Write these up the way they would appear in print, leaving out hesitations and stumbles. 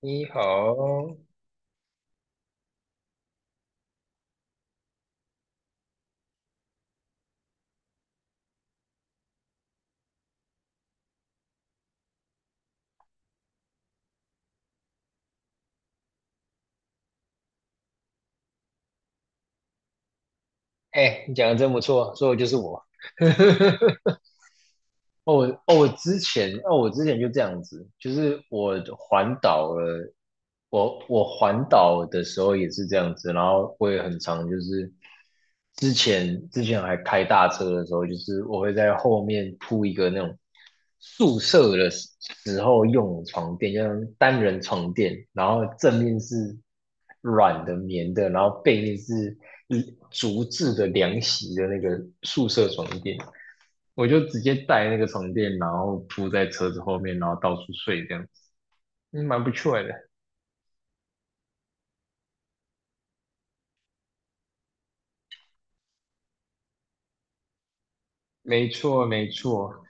你好，哎，你讲的真不错，说的就是我。呵呵呵。我之前就这样子，就是我环岛了，我环岛的时候也是这样子，然后我也很常之前还开大车的时候，就是我会在后面铺一个那种宿舍的时候用的床垫，就是单人床垫，然后正面是软的棉的，然后背面是竹制的凉席的那个宿舍床垫。我就直接带那个床垫，然后铺在车子后面，然后到处睡这样子，嗯，蛮不错的。没错，没错，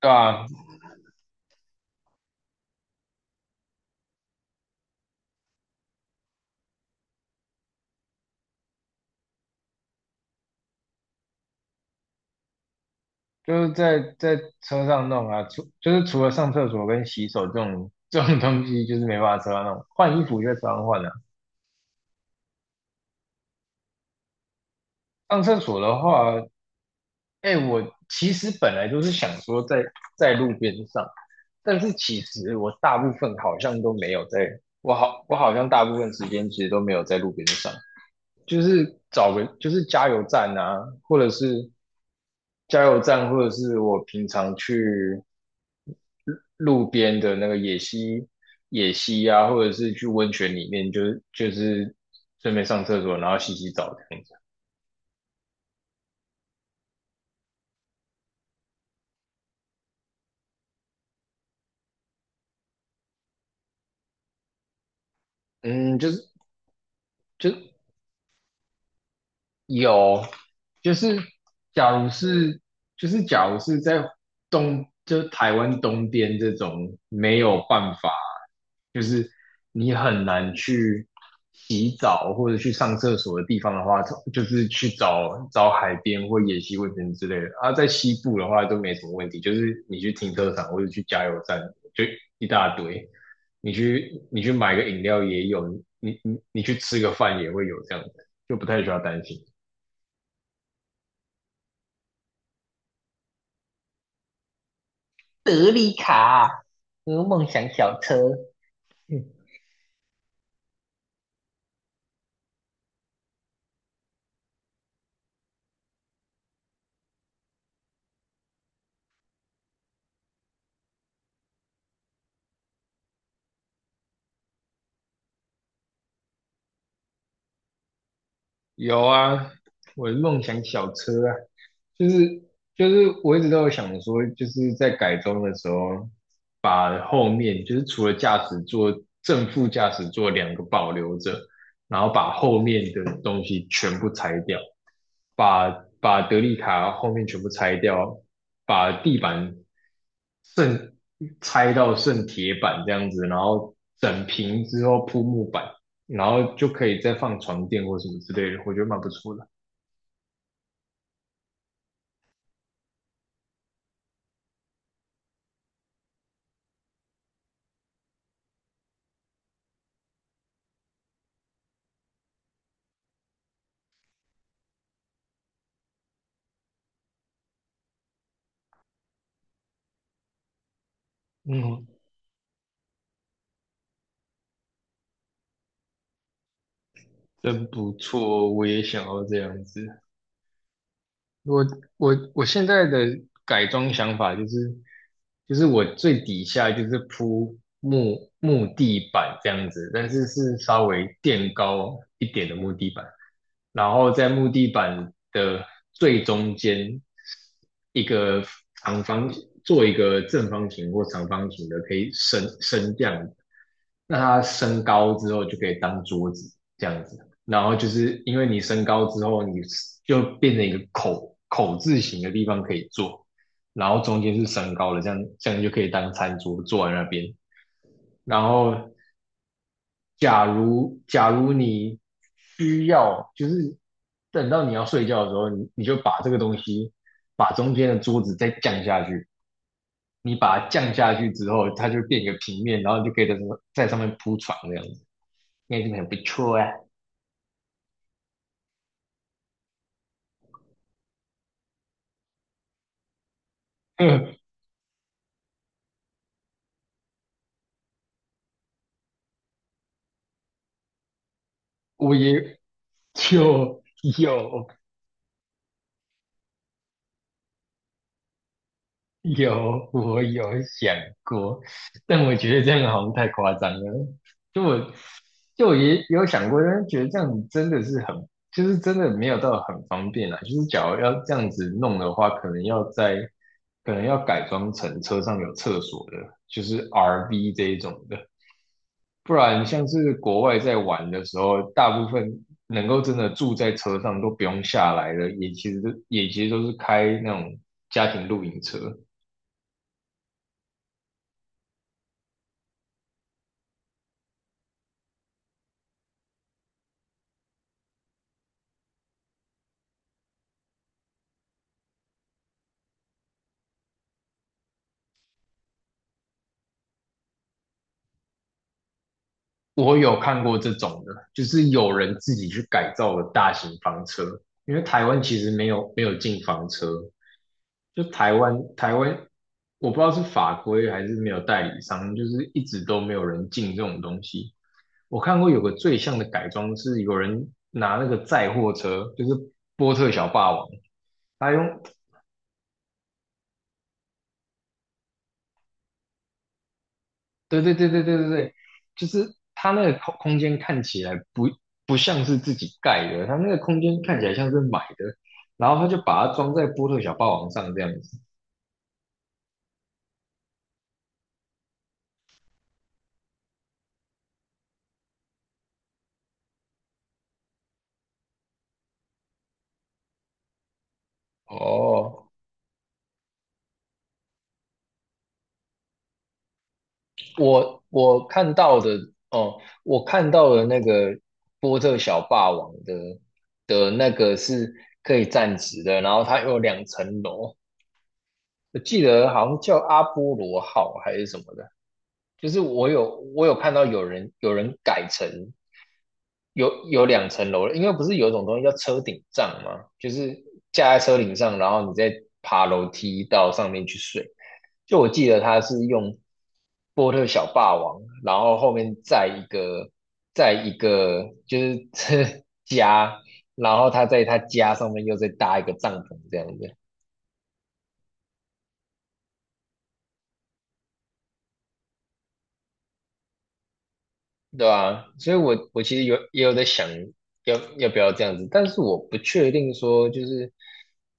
对啊，就是在车上弄啊，就是除了上厕所跟洗手这种东西，就是没办法车上弄。换衣服就在车上换啊。上厕所的话，哎，我其实本来就是想说在路边上，但是其实我大部分好像都没有在，我好像大部分时间其实都没有在路边上。就是找个就是加油站啊，或者是加油站，或者是我平常去路边的那个野溪、野溪啊，或者是去温泉里面，就是顺便上厕所，然后洗洗澡这样子。嗯，就是就有，就是假如是，就是假如是在东，就是台湾东边这种没有办法，就是你很难去洗澡或者去上厕所的地方的话，就是去找找海边或野溪温泉之类的。啊，在西部的话都没什么问题，就是你去停车场或者去加油站，就一大堆。你去买个饮料也有，你去吃个饭也会有这样的，就不太需要担心。德利卡，和梦想小车，嗯有啊，我的梦想小车啊，就是就是我一直都有想说，就是在改装的时候，把后面就是除了驾驶座正副驾驶座两个保留着，然后把后面的东西全部拆掉，把把德利卡后面全部拆掉，把地板剩拆到剩铁板这样子，然后整平之后铺木板，然后就可以再放床垫或什么之类的，我觉得蛮不错的。嗯，真不错哦，我也想要这样子。我我我现在的改装想法就是，就是我最底下就是铺木地板这样子，但是是稍微垫高一点的木地板，然后在木地板的最中间一个长方做一个正方形或长方形的可以升降，那它升高之后就可以当桌子这样子，然后就是因为你升高之后，你就变成一个口字形的地方可以坐，然后中间是升高的，这样就可以当餐桌坐在那边。然后假如你需要，就是等到你要睡觉的时候，你就把这个东西把中间的桌子再降下去，你把它降下去之后，它就变一个平面，然后你就可以在上面铺床这样子。那真的很不错啊。嗯，我也就有有我有想过，但我觉得这样好像太夸张了。就我就我也有想过，但是觉得这样子真的是很，就是真的没有到很方便啊。就是假如要这样子弄的话，可能要改装成车上有厕所的，就是 RV 这一种的。不然像是国外在玩的时候，大部分能够真的住在车上都不用下来的，也其实都是开那种家庭露营车。我有看过这种的，就是有人自己去改造了大型房车，因为台湾其实没有进房车，就台湾，台湾我不知道是法规还是没有代理商，就是一直都没有人进这种东西。我看过有个最像的改装是有人拿那个载货车，就是波特小霸王，他用，对对对对对对对，就是他那个空间看起来不像是自己盖的，他那个空间看起来像是买的，然后他就把它装在波特小霸王上这样子。哦，我我看到的哦，我看到的那个波特小霸王的那个是可以站直的，然后它有两层楼，我记得好像叫阿波罗号还是什么的，就是我有看到有人改成有有两层楼了，因为不是有一种东西叫车顶帐吗？就是架在车顶上，然后你再爬楼梯到上面去睡。就我记得他是用波特小霸王，然后后面再一个就是 家，然后他在他家上面又再搭一个帐篷这样子。对啊，所以我其实也有在想要不要这样子，但是我不确定说就是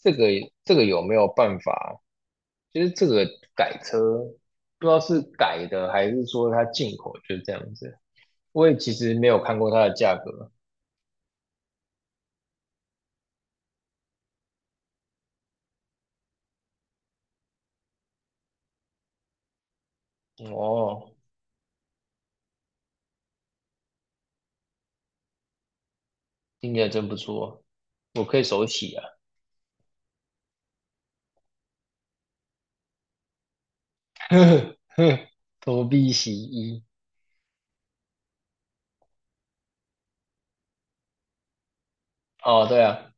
这个这个有没有办法，就是这个改车不知道是改的还是说它进口就是这样子，我也其实没有看过它的价格。哦，听起来真不错，我可以手洗啊，呵呵投币洗衣。哦，对啊，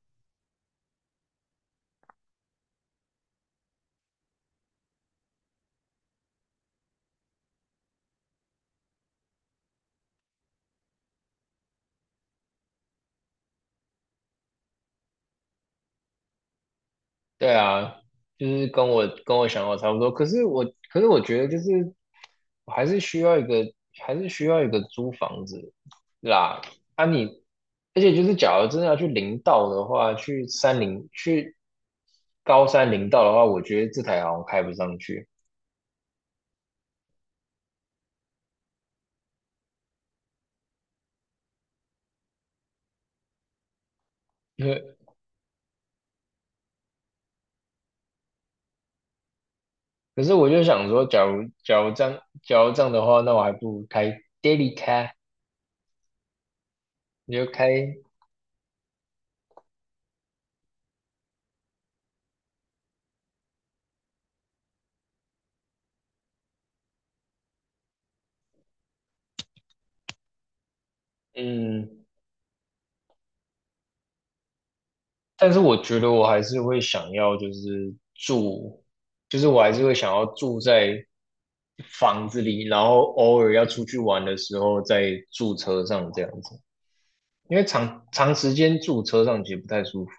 对啊，就是跟我想法差不多。可是我，可是我觉得就是，我还是需要一个，还是需要一个租房子啦。啊你，而且就是，假如真的要去林道的话，去山林，去高山林道的话，我觉得这台好像开不上去。因为可是我就想说，假如这样的话，那我还不如开 daily car，你就开，嗯，但是我觉得我还是会想要，就是住，就是我还是会想要住在房子里，然后偶尔要出去玩的时候再住车上这样子，因为长长时间住车上其实不太舒服。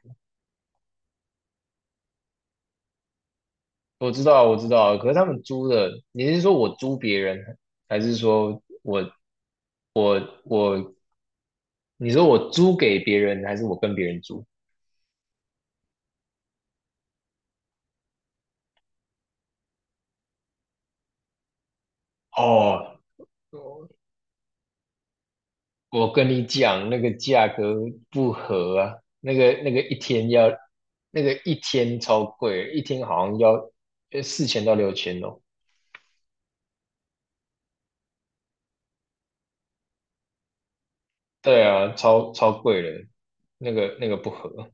我知道啊，我知道啊，可是他们租的，你是说我租别人，还是说我，你说我租给别人，还是我跟别人租？哦，我跟你讲，那个价格不合啊，那个那个一天要，那个一天超贵，一天好像要4000到6000哦。对啊，超超贵了，那个不合。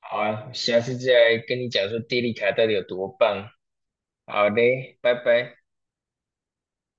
好啊，下次再来跟你讲说电力卡到底有多棒。好嘞，拜拜。